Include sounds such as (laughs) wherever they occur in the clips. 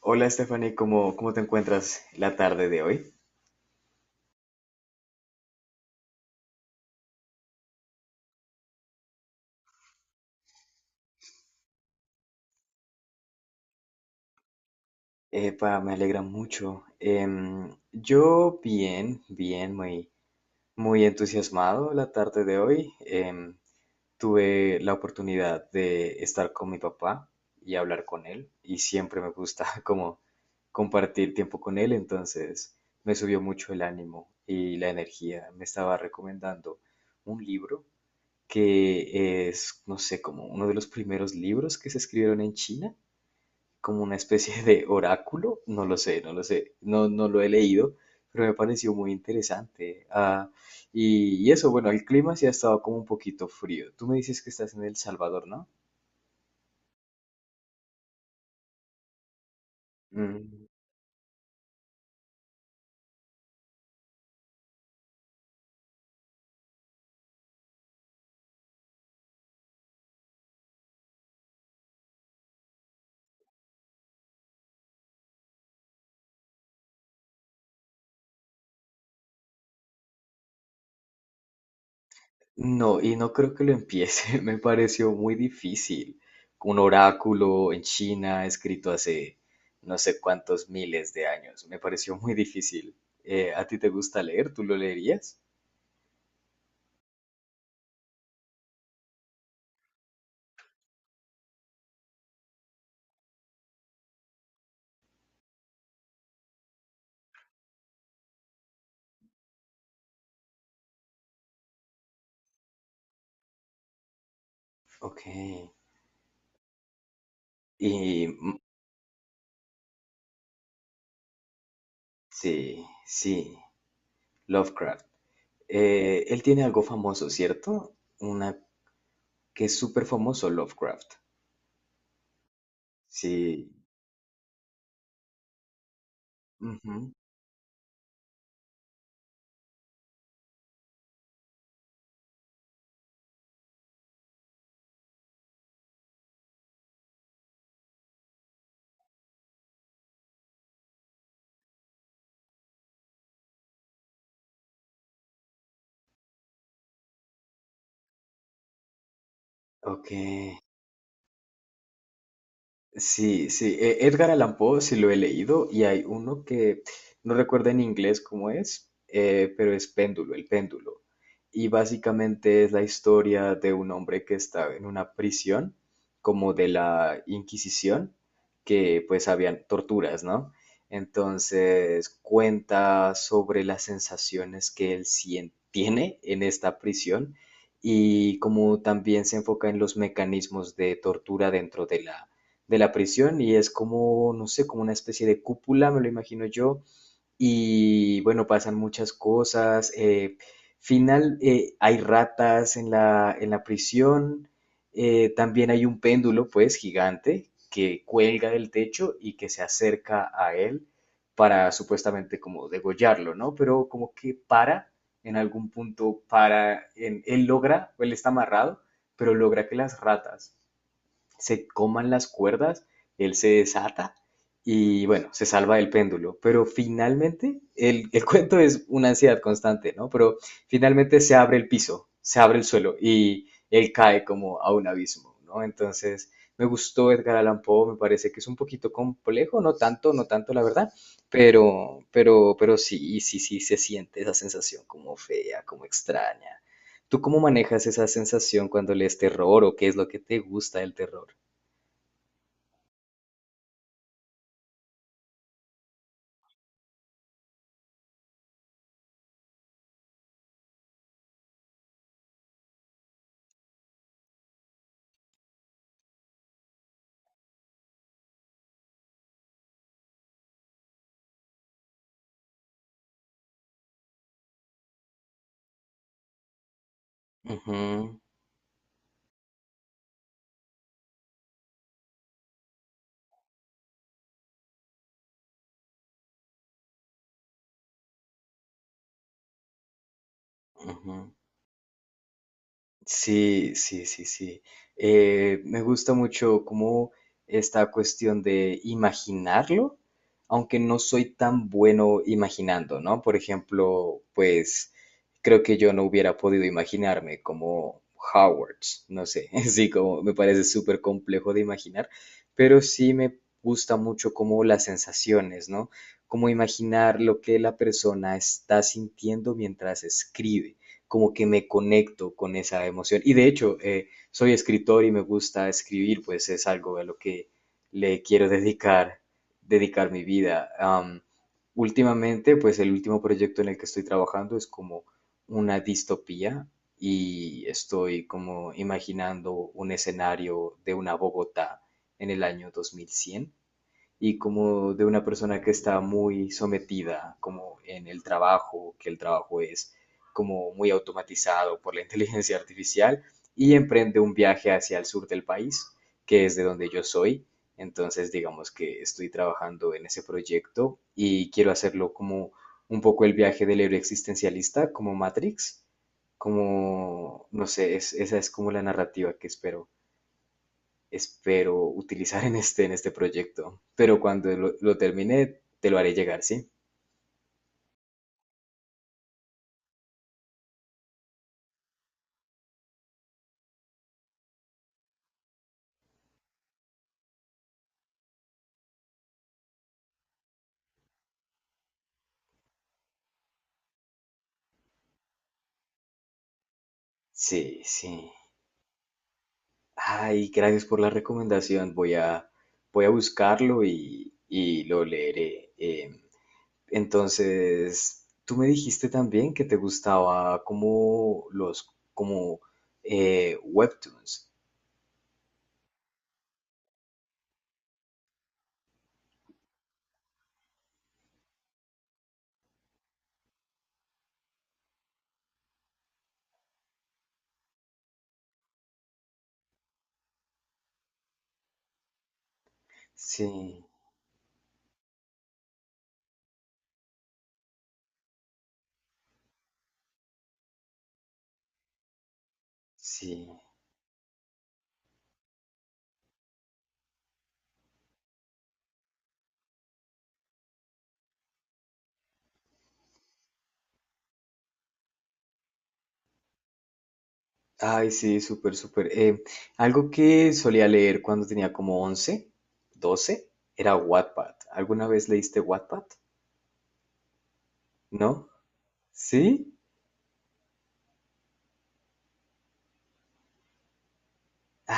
Hola Stephanie, ¿cómo, cómo te encuentras la tarde de hoy? Epa, me alegra mucho. Yo bien, bien, muy, muy entusiasmado la tarde de hoy. Tuve la oportunidad de estar con mi papá y hablar con él y siempre me gusta (laughs) como compartir tiempo con él, entonces me subió mucho el ánimo y la energía. Me estaba recomendando un libro que es, no sé, como uno de los primeros libros que se escribieron en China, como una especie de (laughs) oráculo, no lo sé, no lo sé, no, no lo he leído, pero me pareció muy interesante. Ah, y eso, bueno, el clima sí ha estado como un poquito frío. Tú me dices que estás en El Salvador, ¿no? Mm. No, y no creo que lo empiece, (laughs) me pareció muy difícil. Un oráculo en China escrito hace no sé cuántos miles de años, me pareció muy difícil. ¿A ti te gusta leer? ¿Tú lo leerías? Ok. Y sí, sí, Lovecraft. Él tiene algo famoso, ¿cierto? Una que es súper famoso, Lovecraft. Sí. Ujú. Ok. Sí, sí, Edgar Allan Poe sí lo he leído y hay uno que no recuerdo en inglés cómo es, pero es Péndulo, el péndulo. Y básicamente es la historia de un hombre que está en una prisión, como de la Inquisición, que pues habían torturas, ¿no? Entonces cuenta sobre las sensaciones que él tiene en esta prisión y como también se enfoca en los mecanismos de tortura dentro de la prisión y es como, no sé, como una especie de cúpula, me lo imagino yo. Y bueno, pasan muchas cosas. Final, hay ratas en la prisión. También hay un péndulo, pues, gigante que cuelga del techo y que se acerca a él para supuestamente como degollarlo, ¿no? Pero como que para, en algún punto para, él logra, él está amarrado, pero logra que las ratas se coman las cuerdas, él se desata y bueno, se salva del péndulo. Pero finalmente, el (laughs) cuento es una ansiedad constante, ¿no? Pero finalmente se abre el piso, se abre el suelo y él cae como a un abismo, ¿no? Entonces, me gustó Edgar Allan Poe, me parece que es un poquito complejo, no tanto, no tanto la verdad, pero sí, sí, sí se siente esa sensación como fea, como extraña. ¿Tú cómo manejas esa sensación cuando lees terror o qué es lo que te gusta del terror? Ujú, ujú. Sí, sí, sí, sí. Me gusta mucho como esta cuestión de imaginarlo, aunque no soy tan bueno imaginando, ¿no? Por ejemplo, pues creo que yo no hubiera podido imaginarme como Howard, no sé, (laughs) sí, como me parece súper complejo de imaginar, pero sí me gusta mucho como las sensaciones, ¿no? Como imaginar lo que la persona está sintiendo mientras escribe. Como que me conecto con esa emoción. Y de hecho, soy escritor y me gusta escribir, pues es algo a lo que le quiero dedicar, dedicar mi vida. Últimamente, pues el último proyecto en el que estoy trabajando es como una distopía y estoy como imaginando un escenario de una Bogotá en el año 2100 y como de una persona que está muy sometida como en el trabajo, que el trabajo es como muy automatizado por la (laughs) inteligencia artificial y emprende un viaje hacia el sur del país, que es de donde yo soy. Entonces, digamos que estoy trabajando en ese proyecto y quiero hacerlo como un poco el viaje del héroe existencialista, como Matrix, como, no sé, esa es como la narrativa que espero espero utilizar en este proyecto. Pero cuando lo termine, te lo haré llegar, ¿sí? Sí, sí. Ay, gracias por la recomendación. Voy a, voy a buscarlo y lo leeré. Entonces, tú me dijiste también que te gustaba como los, como webtoons. Sí, sí. Ay, sí, súper, súper. Algo que solía leer cuando tenía como 11, 12, era Wattpad. ¿Alguna vez leíste Wattpad? ¿No? ¿Sí?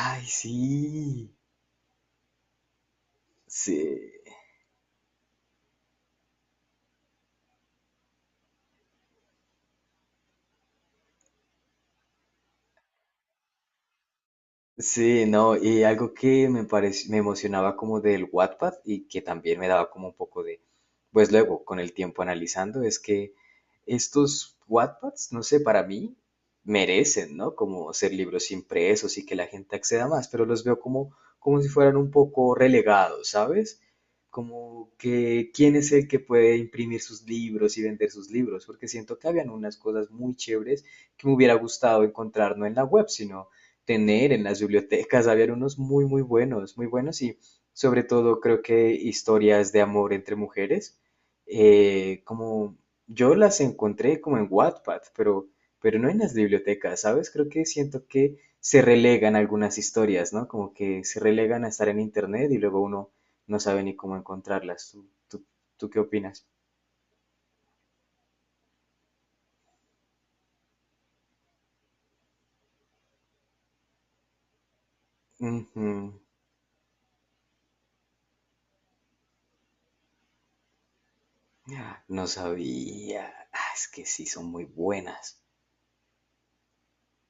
Ay, sí. Sí. Sí, no, y algo que me me emocionaba como del Wattpad y que también me daba como un poco de, pues luego con el tiempo analizando, es que estos Wattpads, no sé, para mí merecen, ¿no? Como ser libros impresos y que la gente acceda más, pero los veo como, como si fueran un poco relegados, ¿sabes? Como que quién es el que puede imprimir sus libros y vender sus libros, porque siento que habían unas cosas muy chéveres que me hubiera gustado encontrar no en la web, sino tener en las bibliotecas. Había unos muy, muy buenos y sobre todo creo que historias de amor entre mujeres. Como yo las encontré como en Wattpad, pero no en las bibliotecas, ¿sabes? Creo que siento que se relegan algunas historias, ¿no? Como que se relegan a estar en internet y luego uno no sabe ni cómo encontrarlas. ¿Tú, tú, tú qué opinas? Ujú. No sabía. Ah, es que sí, son muy buenas.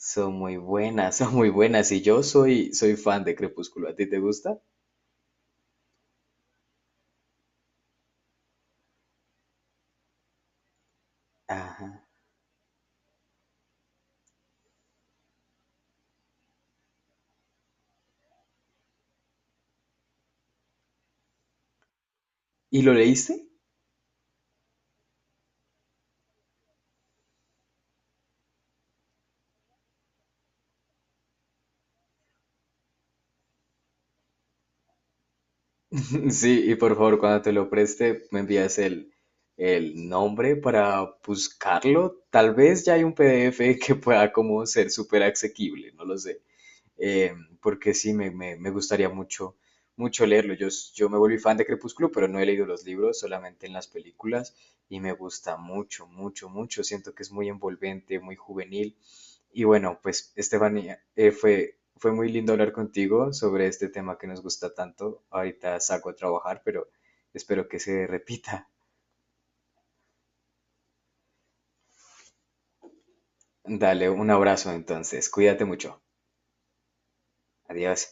Son muy buenas, (laughs) son muy buenas. Y yo soy, soy fan de Crepúsculo. ¿A ti te gusta? Ajá. ¿Y lo leíste? (laughs) Sí, y por favor, cuando te lo preste, me envías el nombre para buscarlo. Tal vez ya hay un PDF (laughs) que pueda como ser súper asequible, no lo sé. Eh, Porque sí, me gustaría mucho, mucho leerlo. Yo, yo me volví fan de Crepúsculo, pero no he leído los libros, solamente en las películas. Y me gusta mucho, mucho, mucho. Siento que es muy envolvente, muy juvenil. Y bueno, pues Estefanía, fue, fue muy lindo hablar contigo sobre este tema que nos gusta tanto. Ahorita salgo a trabajar, pero espero que se repita. Dale un abrazo entonces. Cuídate mucho. Adiós.